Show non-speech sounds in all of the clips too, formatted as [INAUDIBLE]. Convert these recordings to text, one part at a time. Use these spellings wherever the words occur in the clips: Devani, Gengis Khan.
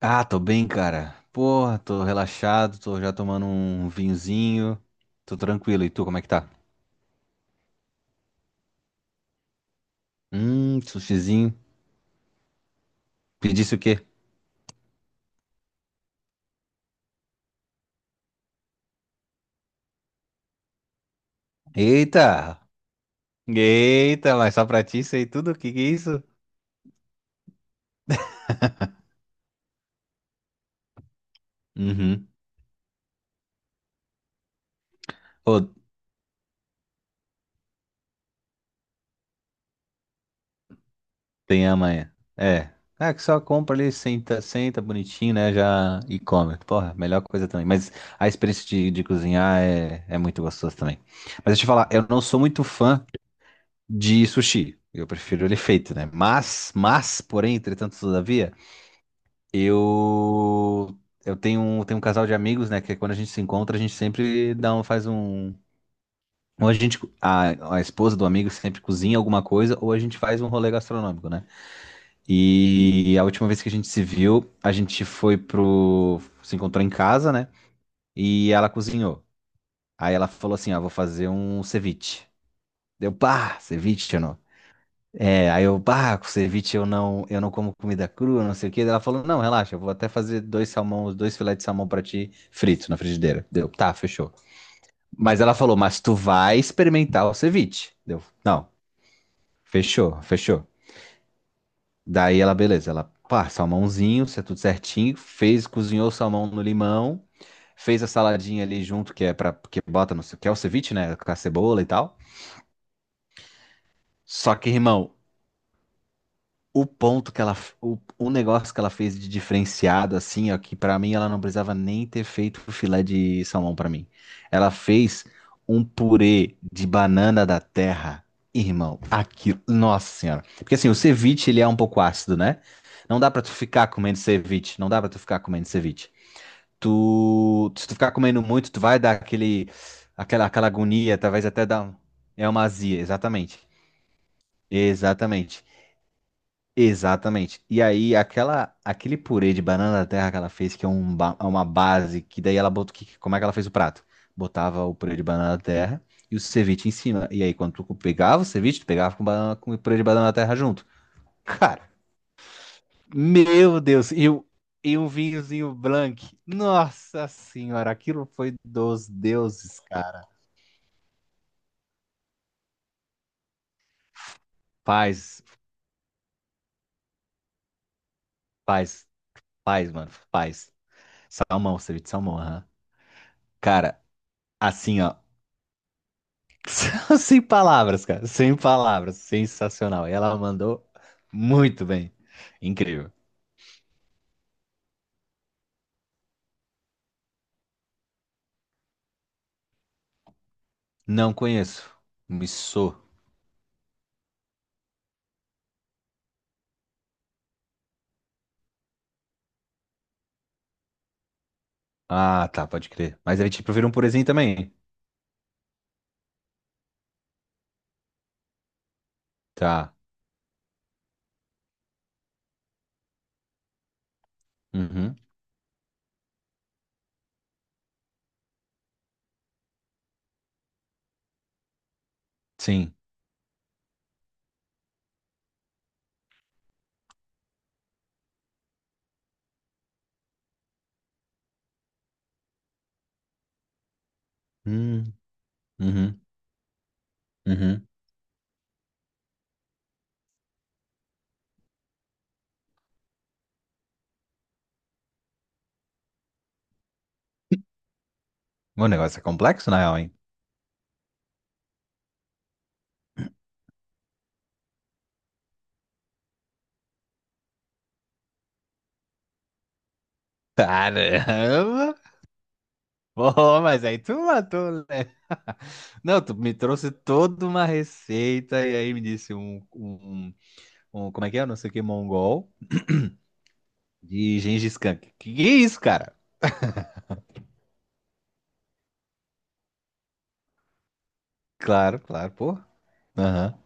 Ah, tô bem, cara. Porra, tô relaxado, tô já tomando um vinhozinho. Tô tranquilo. E tu, como é que tá? Sushizinho. Pedisse o quê? Eita! Eita, mas só pra ti isso aí tudo? O que que é isso? Uhum. Ô, tem amanhã. É. É. Ah, que só compra ali, senta, senta bonitinho, né? Já e come. Porra, melhor coisa também. Mas a experiência de cozinhar é muito gostosa também. Mas deixa eu te falar, eu não sou muito fã de sushi. Eu prefiro ele feito, né? Mas, porém, entretanto, todavia, eu eu tenho um casal de amigos, né? Que é quando a gente se encontra, a gente sempre dá um, faz um. Ou a gente, a esposa do amigo sempre cozinha alguma coisa, ou a gente faz um rolê gastronômico, né? E a última vez que a gente se viu, a gente foi pro. Se encontrou em casa, né? E ela cozinhou. Aí ela falou assim: Ó, vou fazer um ceviche. Deu, pá, ceviche. É, aí eu, bah, com ceviche eu não como comida crua, não sei o quê. Daí ela falou, não, relaxa, eu vou até fazer dois salmão, dois filetes de salmão pra ti, frito na frigideira. Deu, tá, fechou. Mas ela falou, mas tu vai experimentar o ceviche. Deu, não, fechou. Daí ela, beleza, ela, pá, salmãozinho, isso é tudo certinho, fez, cozinhou o salmão no limão, fez a saladinha ali junto, que é pra, que bota, não sei o que, é o ceviche, né, com a cebola e tal. Só que, irmão, O ponto que ela, o negócio que ela fez de diferenciado, assim, ó, que pra mim ela não precisava nem ter feito o filé de salmão pra mim. Ela fez um purê de banana da terra. Irmão, aquilo, nossa senhora. Porque assim, o ceviche, ele é um pouco ácido, né? Não dá pra tu ficar comendo ceviche, não dá pra tu ficar comendo ceviche. Tu, se tu ficar comendo muito, tu vai dar aquele, aquela agonia, talvez até dar, é uma azia, exatamente. Exatamente. Exatamente. E aí, aquele purê de banana da terra que ela fez, que é um é uma base, que daí ela botou. Como é que ela fez o prato? Botava o purê de banana da terra e o ceviche em cima. E aí, quando tu pegava o ceviche, tu pegava com, banana, com o purê de banana da terra junto. Cara, meu Deus! E um vinhozinho blanc. Nossa Senhora, aquilo foi dos deuses, cara. Faz, faz, faz, mano, faz. Salmão, ceviche de salmão, aham. Cara, assim, ó. [LAUGHS] Sem palavras, cara. Sem palavras. Sensacional. E ela mandou muito bem. Incrível. Não conheço. Missô. Ah, tá, pode crer. Mas aí te prefiro um purezinho também. Tá. Uhum. Sim. Hum. Uhum. Uhum. O negócio é complexo, na real, hein? Caramba! Pô, mas aí tu matou, né? [LAUGHS] Não, tu me trouxe toda uma receita e aí me disse um como é que é? Não sei o que, mongol. De Gengis Khan. Que é isso, cara? Claro, claro, pô. Aham.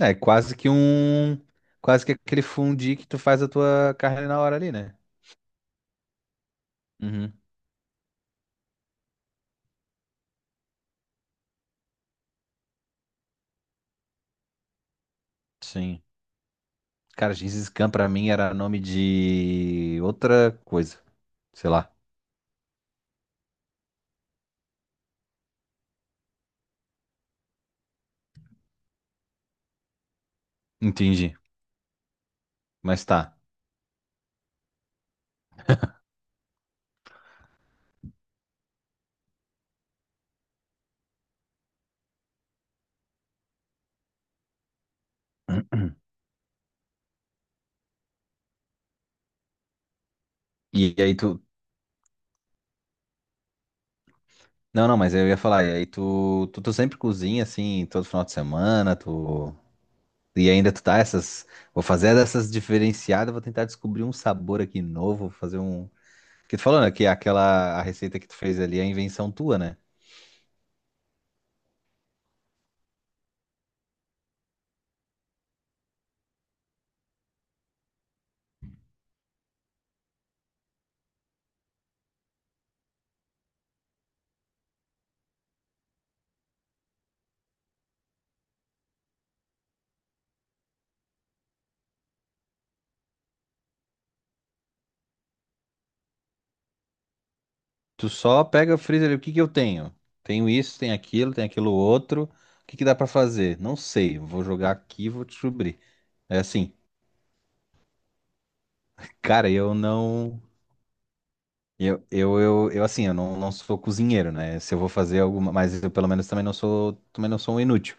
É quase que um. Quase que aquele fundi que tu faz a tua carne na hora ali, né? Uhum. Sim. Cara, Gengis Khan pra mim era nome de outra coisa. Sei lá. Entendi. Mas tá. E aí tu. Não, não, mas eu ia falar. E aí tu. Tu sempre cozinha assim, todo final de semana, tu. E ainda tu tá essas. Vou fazer dessas diferenciadas, vou tentar descobrir um sabor aqui novo, vou fazer um. Que tu falou, né? Que aquela a receita que tu fez ali é a invenção tua, né? Tu só pega, frisa ali, o que que eu tenho? Tenho isso, tenho aquilo outro. O que que dá pra fazer? Não sei. Vou jogar aqui, e vou descobrir. É assim, cara, eu não. Eu assim, eu não, não sou cozinheiro, né? Se eu vou fazer alguma. Mas eu pelo menos também não sou um inútil.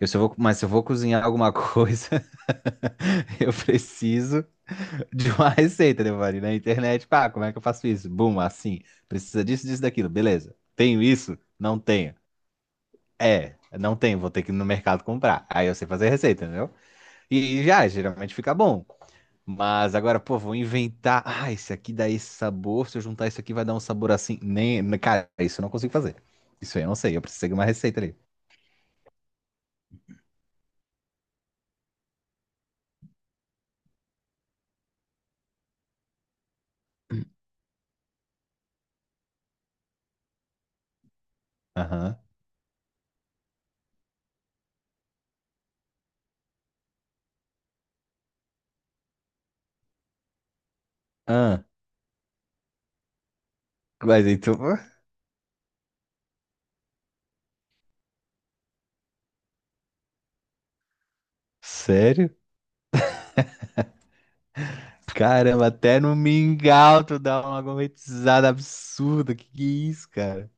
Eu, se eu vou, mas se eu vou cozinhar alguma [LAUGHS] coisa. [LAUGHS] Eu preciso de uma [LAUGHS] receita, Devani, na internet. Pá, como é que eu faço isso? Bum, assim. Precisa disso, disso, daquilo. Beleza. Tenho isso? Não tenho. É, não tenho. Vou ter que ir no mercado comprar. Aí eu sei fazer a receita, entendeu? E já, geralmente fica bom. Mas agora, pô, vou inventar. Ah, esse aqui dá esse sabor. Se eu juntar isso aqui, vai dar um sabor assim. Nem, cara, isso eu não consigo fazer. Isso aí eu não sei. Eu preciso seguir uma receita ali. Aham. Ah, mas então. Sério? Caramba, até no mingau tu dá uma gourmetizada absurda. Que é isso, cara?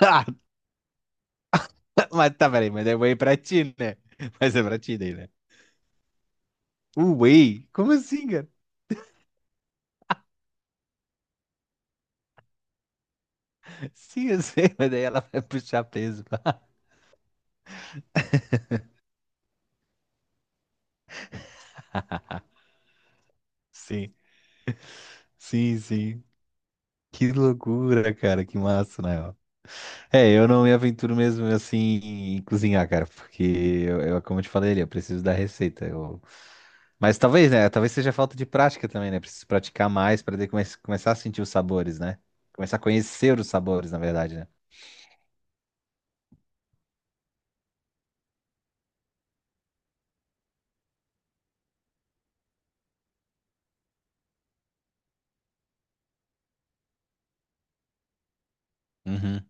[LAUGHS] Ah, tá, mas tá, peraí, mas é whey pra ti, né? Mas é pra ti daí, né? O whey? Como assim, cara? Sim, eu sei, [LAUGHS] mas daí ela vai puxar peso. [LAUGHS] Sim, sim, sim. Que loucura, cara, que massa, né? Ó. É, eu não me aventuro mesmo assim em cozinhar, cara, porque como eu te falei, ali, eu preciso da receita. Eu, mas talvez, né? Talvez seja falta de prática também, né? Preciso praticar mais para daí começar a sentir os sabores, né? Começar a conhecer os sabores, na verdade, né? Uhum.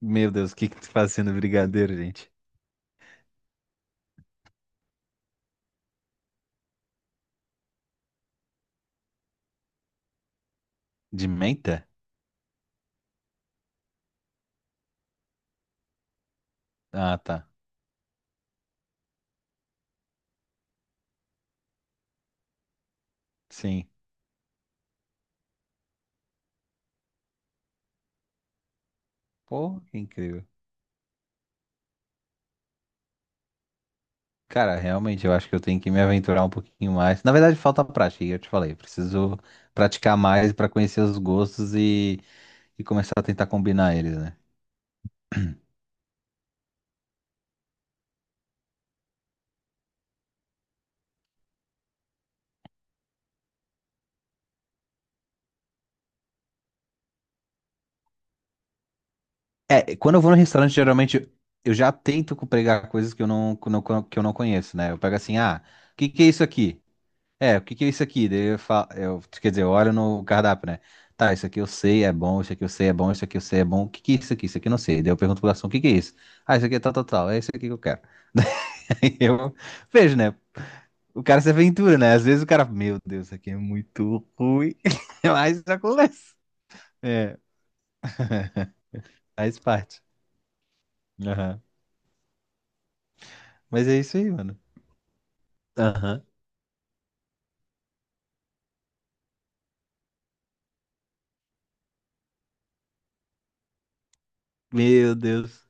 Meu Deus, o que que tu faz sendo brigadeiro, gente? De menta? Ah, tá. Sim. Pô, que incrível. Cara, realmente eu acho que eu tenho que me aventurar um pouquinho mais. Na verdade, falta prática, e eu te falei. Preciso praticar mais para conhecer os gostos e começar a tentar combinar eles, né? É, quando eu vou no restaurante, geralmente eu já tento pegar coisas que eu não conheço, né? Eu pego assim, ah, o que que é isso aqui? É, o que que é isso aqui? Daí eu falo, eu, quer dizer, eu olho no cardápio, né? Tá, isso aqui eu sei é bom, isso aqui eu sei é bom, isso aqui eu sei é bom, o que que é isso aqui? Isso aqui eu não sei. Daí eu pergunto pro garçom, o que que é isso? Ah, isso aqui é tal, tal, tal, é isso aqui que eu quero. [LAUGHS] Aí eu vejo, né? O cara se aventura, né? Às vezes o cara, meu Deus, isso aqui é muito ruim, [LAUGHS] mas acontece. É, [LAUGHS] faz parte. Aham. Mas é isso aí, mano. Aham. Meu Deus.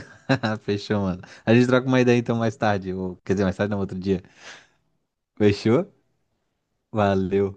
[LAUGHS] Fechou, mano. A gente troca uma ideia então mais tarde. Ou, quer dizer, mais tarde não, outro dia. Fechou? Valeu.